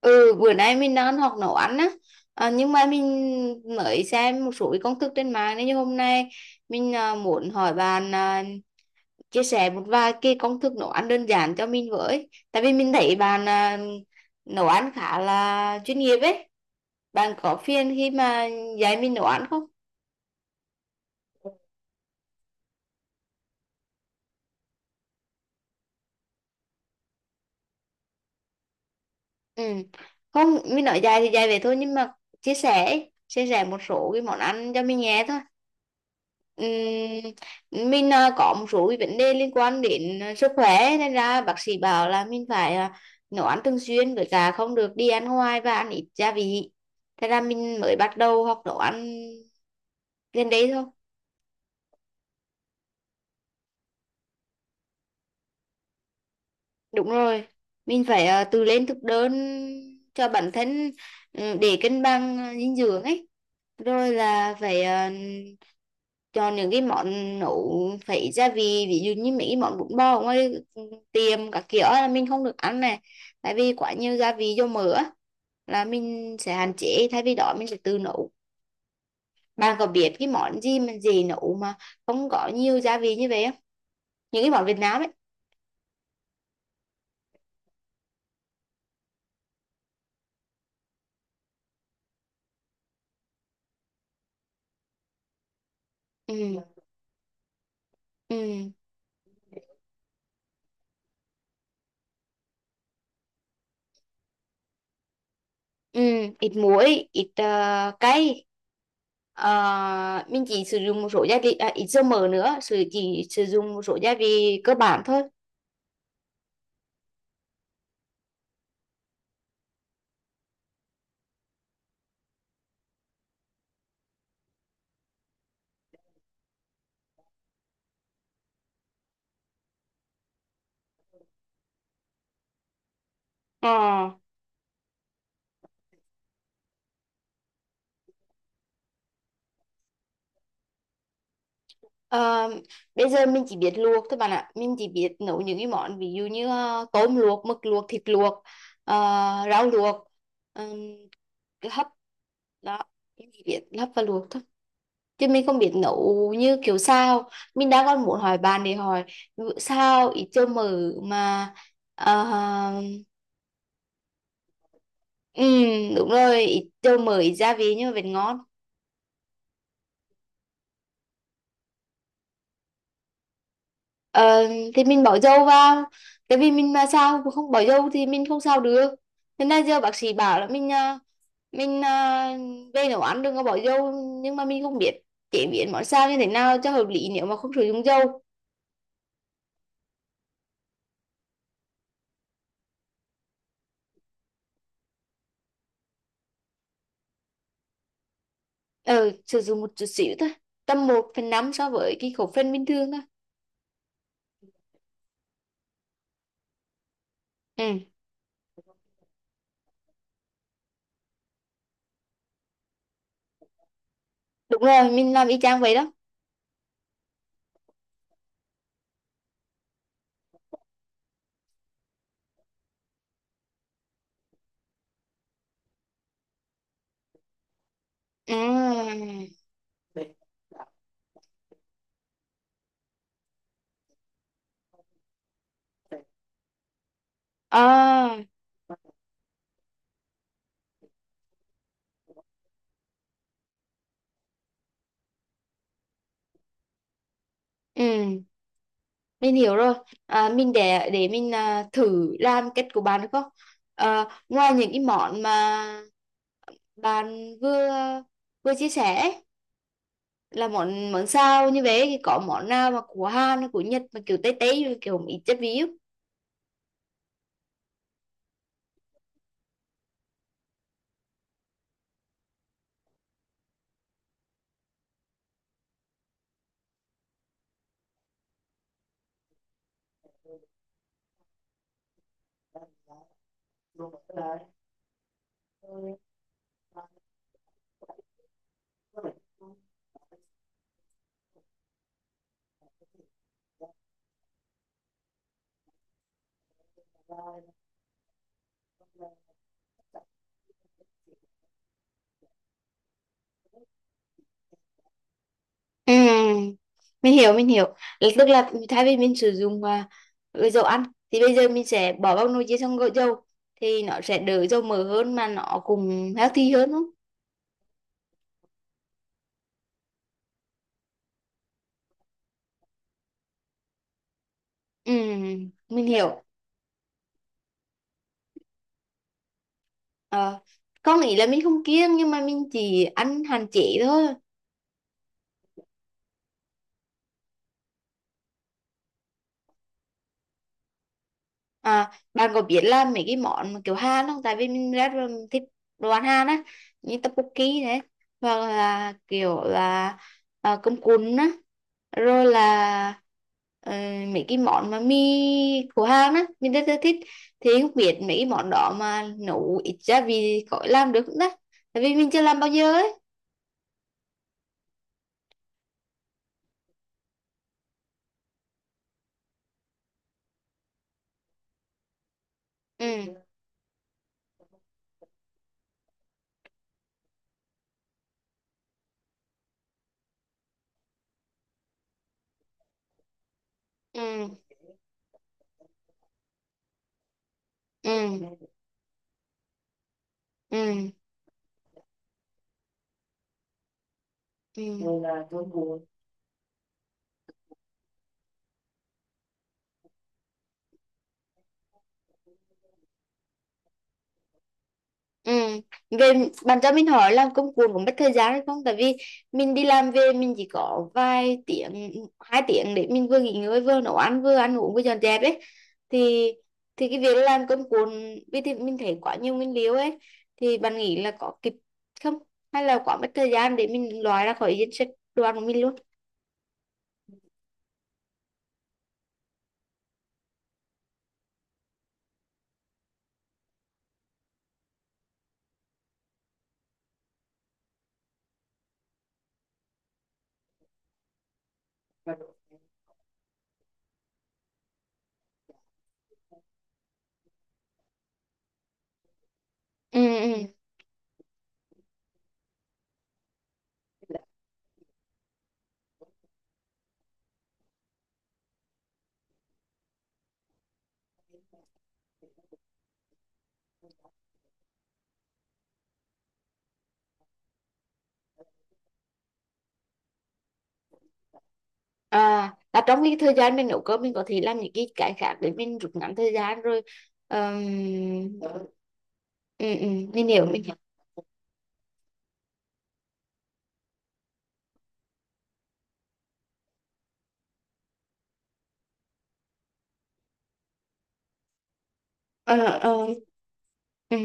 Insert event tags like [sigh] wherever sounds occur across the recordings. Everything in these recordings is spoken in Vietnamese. Ừ, bữa nay mình đang học nấu ăn á. Nhưng mà mình mới xem một số cái công thức trên mạng nên như hôm nay mình muốn hỏi bạn chia sẻ một vài cái công thức nấu ăn đơn giản cho mình với, tại vì mình thấy bạn nấu ăn khá là chuyên nghiệp ấy. Bạn có phiền khi mà dạy mình nấu ăn không? Ừ. Không, mình nói dạy thì dạy vậy thôi, nhưng mà chia sẻ ấy. Chia sẻ một số cái món ăn cho mình nghe thôi. Mình có một số cái vấn đề liên quan đến sức khỏe nên ra bác sĩ bảo là mình phải nấu ăn thường xuyên với cả không được đi ăn ngoài và ăn ít gia vị. Thế ra mình mới bắt đầu học nấu ăn gần đây thôi. Đúng rồi, mình phải tự lên thực đơn cho bản thân, ừ, để cân bằng dinh dưỡng ấy. Rồi là phải chọn những cái món nấu phải gia vị, ví dụ như mấy cái món bún bò ở ngoài tiệm các kiểu là mình không được ăn này. Tại vì quá nhiều gia vị dầu mỡ á, là mình sẽ hạn chế, thay vì đó mình sẽ tự nấu. Bạn có biết cái món gì mà dễ nấu mà không có nhiều gia vị như vậy không? Những cái món Việt Nam ấy. Ừ. Ừ. Ừ, ít muối, ít cay. Ờ, mình chỉ sử dụng một số gia vị, ít dầu mỡ nữa, chỉ sử dụng một số gia vị cơ bản thôi. Ờ, ờ, bây giờ mình chỉ biết luộc thôi bạn ạ. Mình chỉ biết nấu những cái món ví dụ như tôm luộc, mực luộc, thịt luộc, ờ, rau luộc, ừm, cái hấp đó. Mình chỉ biết hấp và luộc thôi. Chứ mình không biết nấu như kiểu sao. Mình đang còn muốn hỏi bạn để hỏi ví dụ sao ít dầu mỡ mà ờ, ừ, đúng rồi, ít dầu mỡ, ít gia vị nhưng mà vẫn ngon. Ờ, thì mình bỏ dầu vào, tại vì mình mà sao không bỏ dầu thì mình không sao được. Thế nên giờ bác sĩ bảo là mình à, về nấu ăn đừng có bỏ dầu, nhưng mà mình không biết chế biến món sao như thế nào cho hợp lý nếu mà không sử dụng dầu. Ờ, sử dụng một chút xíu thôi, tầm một phần 5 so với cái khẩu phần bình thường thôi. Ừ, đúng rồi, mình làm y chang vậy đó. À. À. Ừ, mình hiểu rồi. Mình để mình thử làm cách của bạn được không? Ngoài những cái món mà bạn vừa vừa chia sẻ ấy, là món món sao như vậy thì có món nào mà của Hàn hay của Nhật mà kiểu Tây Tây kiểu một ít chất ví không? Ừ, mình hiểu mình hiểu. Là tức là thay vì mình sử dụng ừ, dầu ăn thì bây giờ mình sẽ bỏ vào nồi chiên xong gội dầu thì nó sẽ đỡ dầu mỡ hơn mà nó cũng healthy hơn đúng không? Ừ, mình hiểu. Ờ, có nghĩa là mình không kiêng nhưng mà mình chỉ ăn hạn chế thôi. À, bạn có biết là mấy cái món kiểu Hàn không? Tại vì mình rất là thích đồ ăn Hàn á, như tteokbokki thế, hoặc là kiểu là cơm cuốn á, rồi là ờ, mấy cái món mà mì của Hàn á, mình rất là thích. Thì không biết mấy cái món đó mà nấu ít gia vị có làm được không đó? Tại vì mình chưa làm bao giờ ấy. Ừ, ừ, ừ, ừ, ừ. Ừ. Về bạn cho mình hỏi làm công cuồng cũng mất thời gian hay không? Tại vì mình đi làm về mình chỉ có vài tiếng, hai tiếng để mình vừa nghỉ ngơi vừa nấu ăn vừa ăn uống vừa dọn dẹp ấy. Thì thì cái việc làm công cuồng vì thì mình thấy quá nhiều nguyên liệu ấy, thì bạn nghĩ là có kịp không? Hay là quá mất thời gian để mình loại ra khỏi danh sách đồ ăn của mình luôn? Ừ. Ừ. À, là trong cái thời gian mình nấu cơm mình có thể làm những cái khác để mình rút ngắn thời gian rồi. Ờm, ừ, ừ, mình hiểu mình. Ờ. Ờ. Ừ.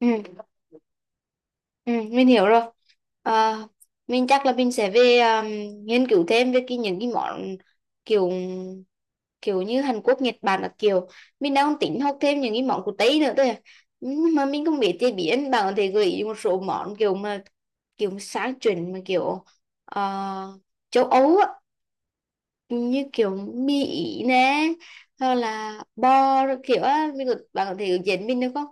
Ừ. Ừ, mình hiểu rồi. Ờ, mình chắc là mình sẽ về nghiên cứu thêm về cái những cái món kiểu kiểu như Hàn Quốc Nhật Bản, là kiểu mình đang tính học thêm những cái món của Tây nữa thôi à. Nhưng mà mình không biết chế biến, bạn có thể gợi ý một số món kiểu mà kiểu sáng chuẩn mà kiểu ờ, châu Âu á, như kiểu mì Ý nè hoặc là bò rồi kiểu á mình có, bạn có thể dẫn mình được không?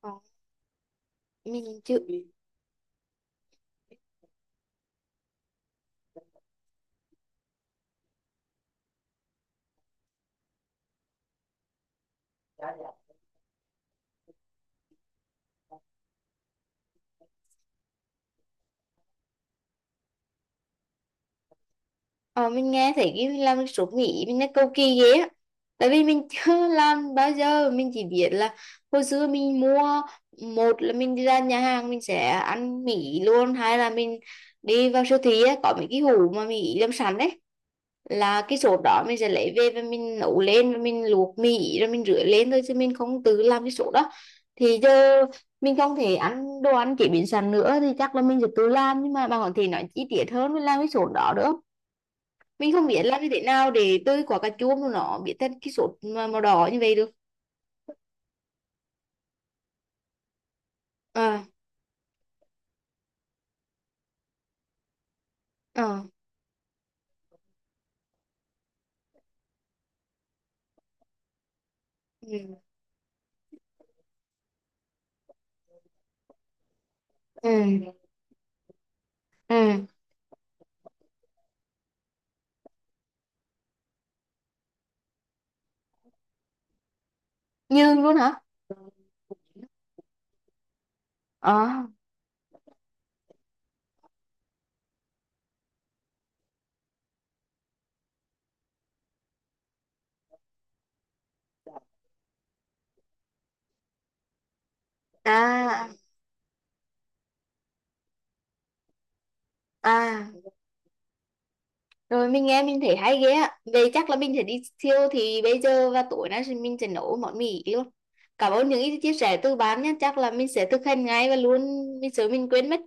Ờ, mình chưa. Ờ, mình nghe thấy cái làm cái sốt Mỹ mình nó cầu kỳ ghê á, tại vì mình chưa [laughs] làm bao giờ, mình chỉ biết là hồi xưa mình mua, một là mình đi ra nhà hàng mình sẽ ăn Mỹ luôn, hai là mình đi vào siêu thị á, có mấy cái hũ mà Mỹ làm sẵn đấy là cái sốt đó, mình sẽ lấy về và mình nấu lên và mình luộc mì rồi mình rửa lên thôi chứ mình không tự làm cái sốt đó. Thì giờ mình không thể ăn đồ ăn chế biến sẵn nữa thì chắc là mình sẽ tự làm, nhưng mà bạn có thể nói chi tiết hơn mình làm cái sốt đó được không? Mình không biết làm như thế nào để tơi quả cà chua mà nó biến thành cái sốt mà màu đỏ như vậy được. Ờ. Ờ. Ừ. Ừ. Ừ. Nhương luôn hả? Ờ. À. À. Rồi mình nghe mình thấy hay ghê á, vậy chắc là mình sẽ đi siêu thì bây giờ và tối nay thì mình sẽ nấu món mì luôn. Cảm ơn những ý chia sẻ từ bạn nhé, chắc là mình sẽ thực hành ngay và luôn, mình sợ mình quên mất.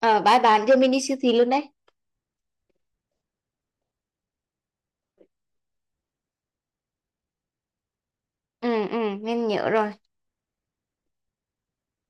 Ờ, bye bạn, giờ mình đi siêu thị luôn đấy. Ừ, ừ, mình nhớ rồi.